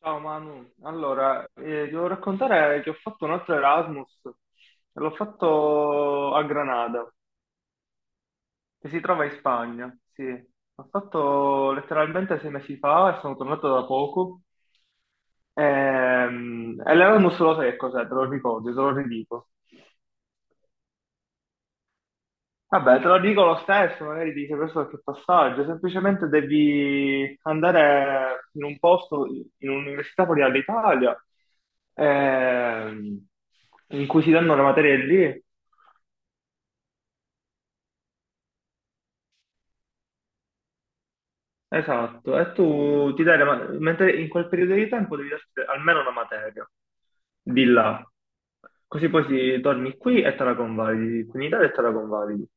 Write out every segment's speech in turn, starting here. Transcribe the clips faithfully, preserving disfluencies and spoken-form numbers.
Ciao Manu, allora, eh, ti devo raccontare che ho fatto un altro Erasmus, l'ho fatto a Granada, che si trova in Spagna, sì. L'ho fatto letteralmente sei mesi fa e sono tornato da poco. Ehm, E l'Erasmus lo sai che cos'è, te lo ricordi, te lo ridico. Vabbè, te lo dico lo stesso, magari dice questo è che passaggio, semplicemente devi andare in un posto, in un'università fuori dall'Italia, ehm, in cui si danno le materie lì, esatto, e tu ti dai, le ma- mentre in quel periodo di tempo devi darti almeno una materia di là, così poi si- torni qui e te la convalidi, qui in Italia e te la convalidi.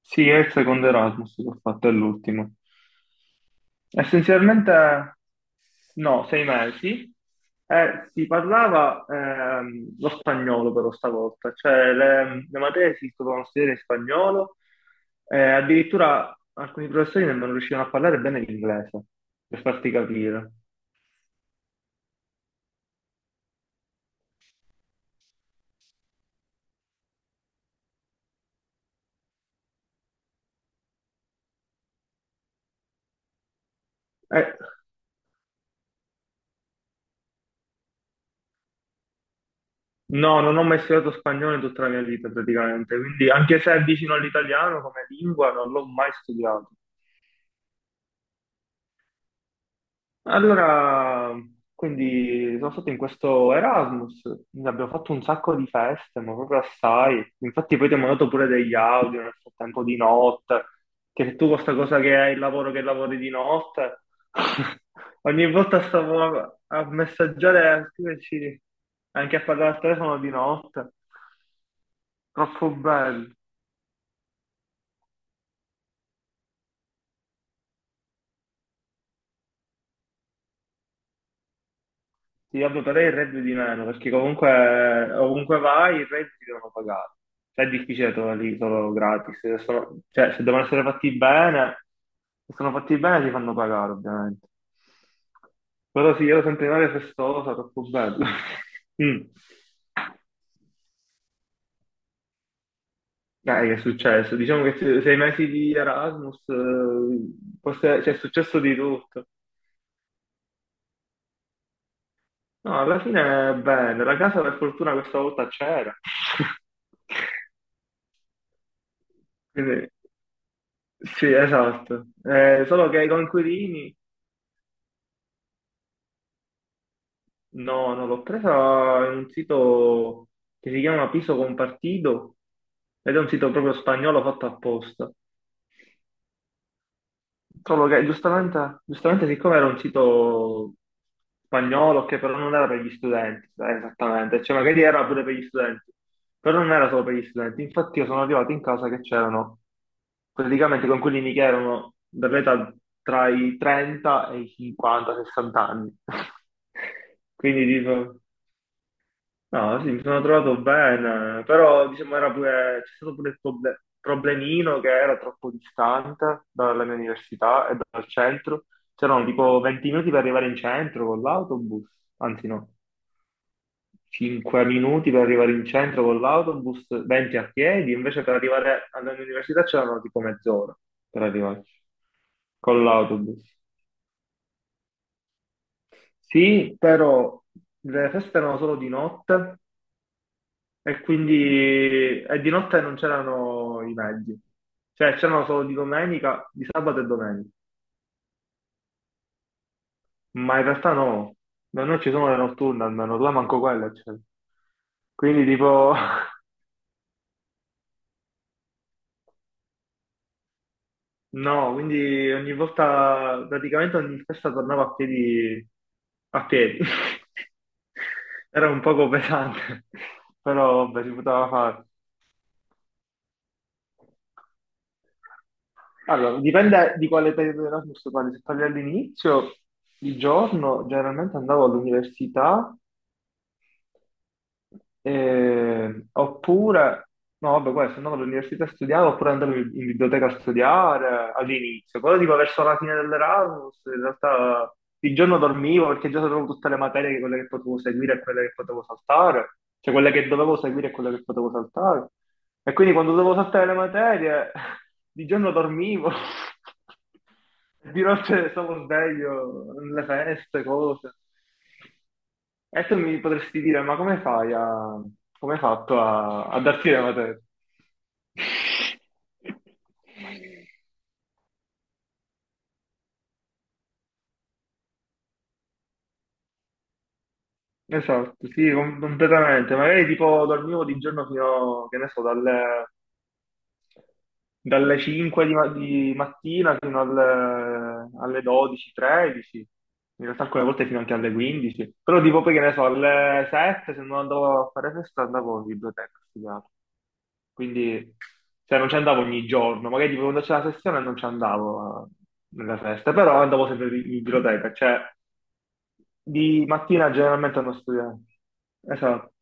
Sì, è il secondo Erasmus che ho fatto, è l'ultimo. Essenzialmente no, sei mesi. Eh, si parlava ehm, lo spagnolo però stavolta, cioè le, le materie si dovevano studiare in spagnolo, eh, addirittura alcuni professori nemmeno riuscivano a parlare bene l'inglese, per farti capire. Eh, no, non ho mai studiato spagnolo in tutta la mia vita praticamente, quindi anche se è vicino all'italiano come lingua non l'ho mai studiato. Allora, quindi sono stato in questo Erasmus, ne abbiamo fatto un sacco di feste, ma proprio assai. Infatti poi ti ho mandato pure degli audio nel frattempo di notte, che se tu con questa cosa che hai il lavoro che lavori di notte, ogni volta stavo a, a messaggiare e a scriverci anche a parlare al telefono di notte. Troppo bello. Sì, vabbè, però il reddito di meno, perché comunque eh, ovunque vai i redditi devono pagare. Cioè, È difficile trovarli solo gratis. Se sono- cioè, se devono essere fatti bene, se sono fatti bene ti fanno pagare, ovviamente. Però sì, io sono sempre in aria festosa, troppo bello. Mm. Dai, che è successo? Diciamo che se- sei mesi di Erasmus, eh, forse c'è successo di tutto. No, alla fine è bene. La casa per fortuna questa volta c'era. Quindi- sì, esatto. Eh, solo che i Conquirini, no, no, l'ho presa in un sito che si chiama Piso Compartido ed è un sito proprio spagnolo fatto apposta. Trovo che giustamente, giustamente, siccome era un sito spagnolo che però non era per gli studenti, eh, esattamente, cioè magari era pure per gli studenti, però non era solo per gli studenti. Infatti io sono arrivato in casa che c'erano praticamente coinquilini che erano dall'età tra i trenta e i cinquanta a sessanta anni. Quindi tipo. No, sì, mi sono trovato bene, però diciamo era pure, c'è stato pure il proble- problemino che era troppo distante dalla mia università e dal centro. C'erano tipo venti minuti per arrivare in centro con l'autobus, anzi no, cinque minuti per arrivare in centro con l'autobus, venti a piedi, invece per arrivare alla mia università c'erano tipo mezz'ora per arrivarci con l'autobus. Sì, però le feste erano solo di notte. E quindi e di notte non c'erano i mezzi, cioè c'erano solo di domenica, di sabato e domenica, ma in realtà no, da noi ci sono le notturne almeno, là manco quella c'è. Quindi tipo, no, quindi ogni volta, praticamente ogni festa tornavo a piedi, a piedi. Era un poco pesante, però vabbè, si poteva fare. Allora, dipende di quale periodo di Erasmus parli. Se parli all'inizio, di giorno, generalmente andavo all'università eh, oppure, no, vabbè, questo andavo all'università a studiare, oppure andavo in in biblioteca a studiare eh, all'inizio, però tipo verso la fine dell'Erasmus, in realtà il giorno dormivo perché già sapevo tutte le materie, che- quelle che potevo seguire e quelle che potevo saltare, cioè quelle che dovevo seguire e quelle che potevo saltare. E quindi quando dovevo saltare le materie, di giorno dormivo, di notte stavo sveglio, nelle feste, cose. E tu mi potresti dire, ma come fai a... come hai fatto a, a darti la materia? Esatto, sì, com- completamente. Magari tipo dormivo di giorno fino, che ne so, dalle dalle cinque di, ma- di mattina fino al- alle dodici, tredici, in realtà alcune volte fino anche alle quindici, però tipo poi che ne so, alle sette se non andavo a fare festa andavo in biblioteca a studiare, quindi cioè, non ci andavo ogni giorno, magari tipo quando c'era la sessione non ci andavo eh, nelle feste, però andavo sempre in in biblioteca, cioè di mattina generalmente non studiavo, esatto.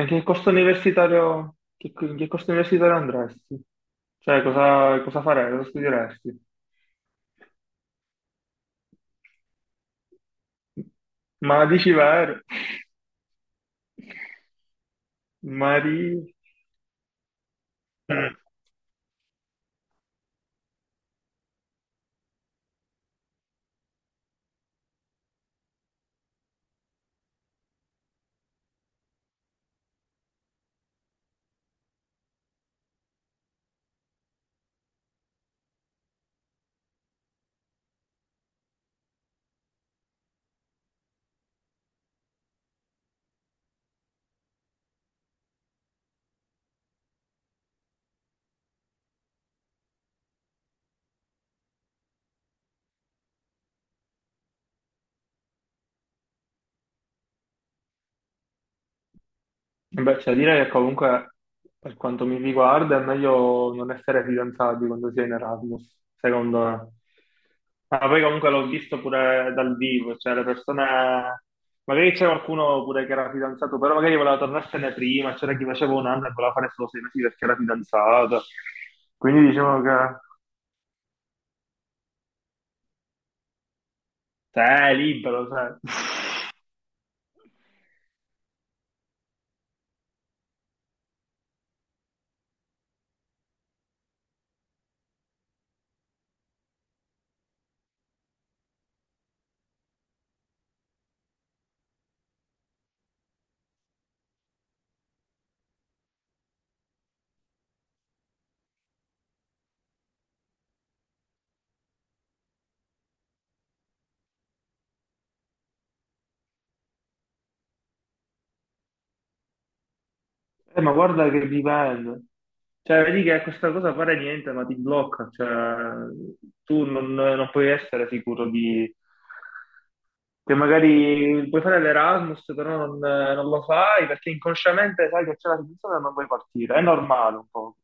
E che corso universitario, che- in che corso universitario andresti? Cioè, cosa, cosa farei? Cosa studieresti? Ma dici vero? Maria. Mm. Beh, c'è da dire che comunque, per quanto mi riguarda, è meglio non essere fidanzati quando si è in Erasmus, secondo me. Ma poi comunque l'ho visto pure dal vivo, cioè le persone... Magari c'è qualcuno pure che era fidanzato, però magari voleva tornarsene prima, c'era chi faceva un anno e voleva fare solo sei mesi perché era fidanzato. Quindi diciamo che... Cioè, è libero, cioè. Eh, ma guarda che dipende. Cioè, vedi che questa cosa fare niente, ma ti blocca. Cioè, tu non, non puoi essere sicuro di... che magari puoi fare l'Erasmus, però non, non lo fai perché inconsciamente sai che c'è la situazione e non vuoi partire. È normale un po'.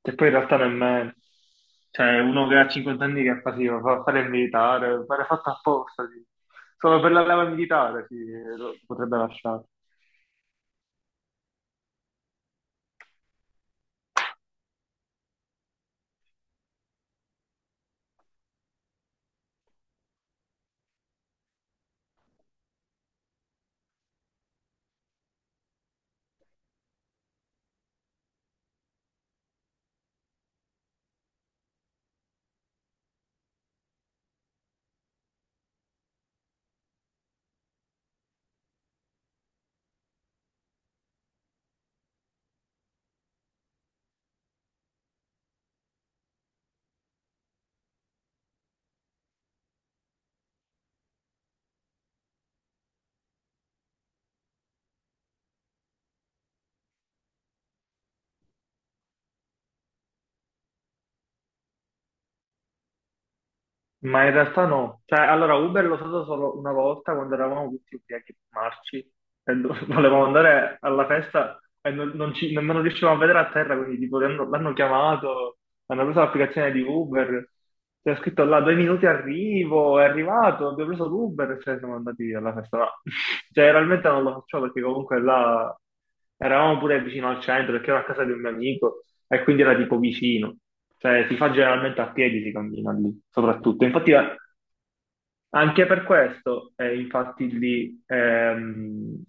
Che poi in realtà nemmeno. Cioè, uno che ha cinquanta anni che fa, sì, fa fare il militare, fare fatto apposta, sì. Solo per la leva militare, sì, lo potrebbe lasciare. Ma in realtà no, cioè allora Uber l'ho usato solo una volta quando eravamo tutti ubriachi marci e do- volevamo andare alla festa e non, non ci, nemmeno riuscivamo a vedere a terra, quindi tipo l'hanno l'hanno chiamato, hanno preso l'applicazione di Uber, c'è scritto là due minuti arrivo, è arrivato, abbiamo preso l'Uber e cioè, siamo andati alla festa. No. Cioè realmente non lo faccio perché comunque là eravamo pure vicino al centro perché ero a casa di un mio amico e quindi era tipo vicino. Cioè, si fa generalmente a piedi, si cammina lì, soprattutto. Infatti, eh, anche per questo, eh, infatti, lì, ehm,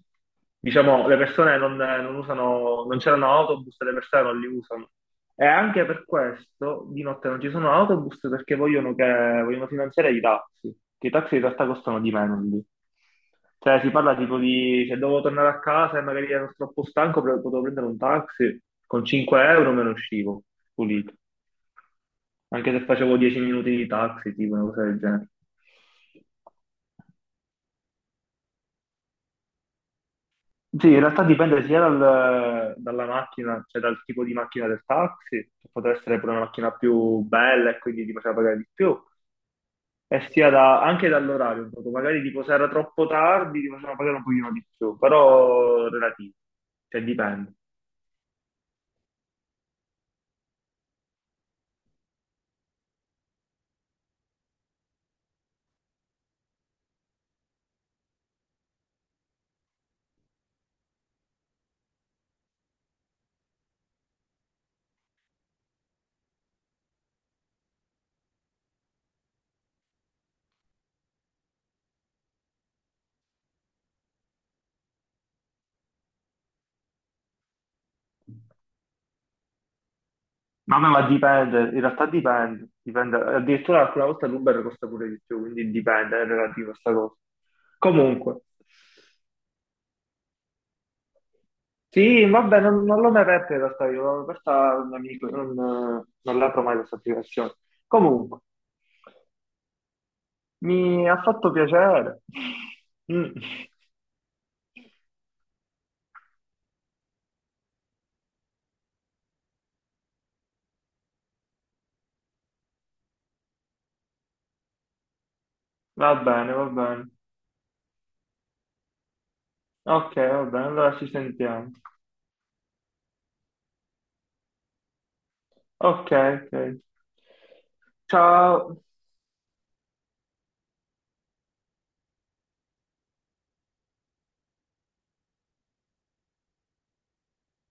diciamo, le persone non, non usano, non c'erano autobus, e le persone non li usano. E anche per questo di notte non ci sono autobus perché vogliono, che, vogliono finanziare i taxi, che i taxi in realtà costano di meno lì. Cioè, si parla tipo di se devo tornare a casa e magari ero troppo stanco, pre- potevo prendere un taxi, con cinque euro me ne uscivo, pulito. Anche se facevo dieci minuti di taxi, tipo una cosa del genere. Sì, in realtà dipende sia dal- dalla macchina, cioè dal tipo di macchina del taxi, che potrà essere pure una macchina più bella e quindi ti faceva pagare di più, e sia da- anche dall'orario, un poco. magari tipo se era troppo tardi ti faceva pagare un pochino di più, però relativo, cioè dipende. Ma, ma ma dipende, in realtà dipende, dipende. Addirittura alcune volte l'Uber costa pure di più, quindi dipende, è relativo a sta cosa. Comunque. Sì, vabbè, non, non l'ho mai aperta in realtà, io questa non, mi- non, non l'apro mai questa applicazione. Comunque, mi ha fatto piacere. Mm. Va bene, va bene. Ok, va bene, allora ci sentiamo. Ok, ok. Ciao.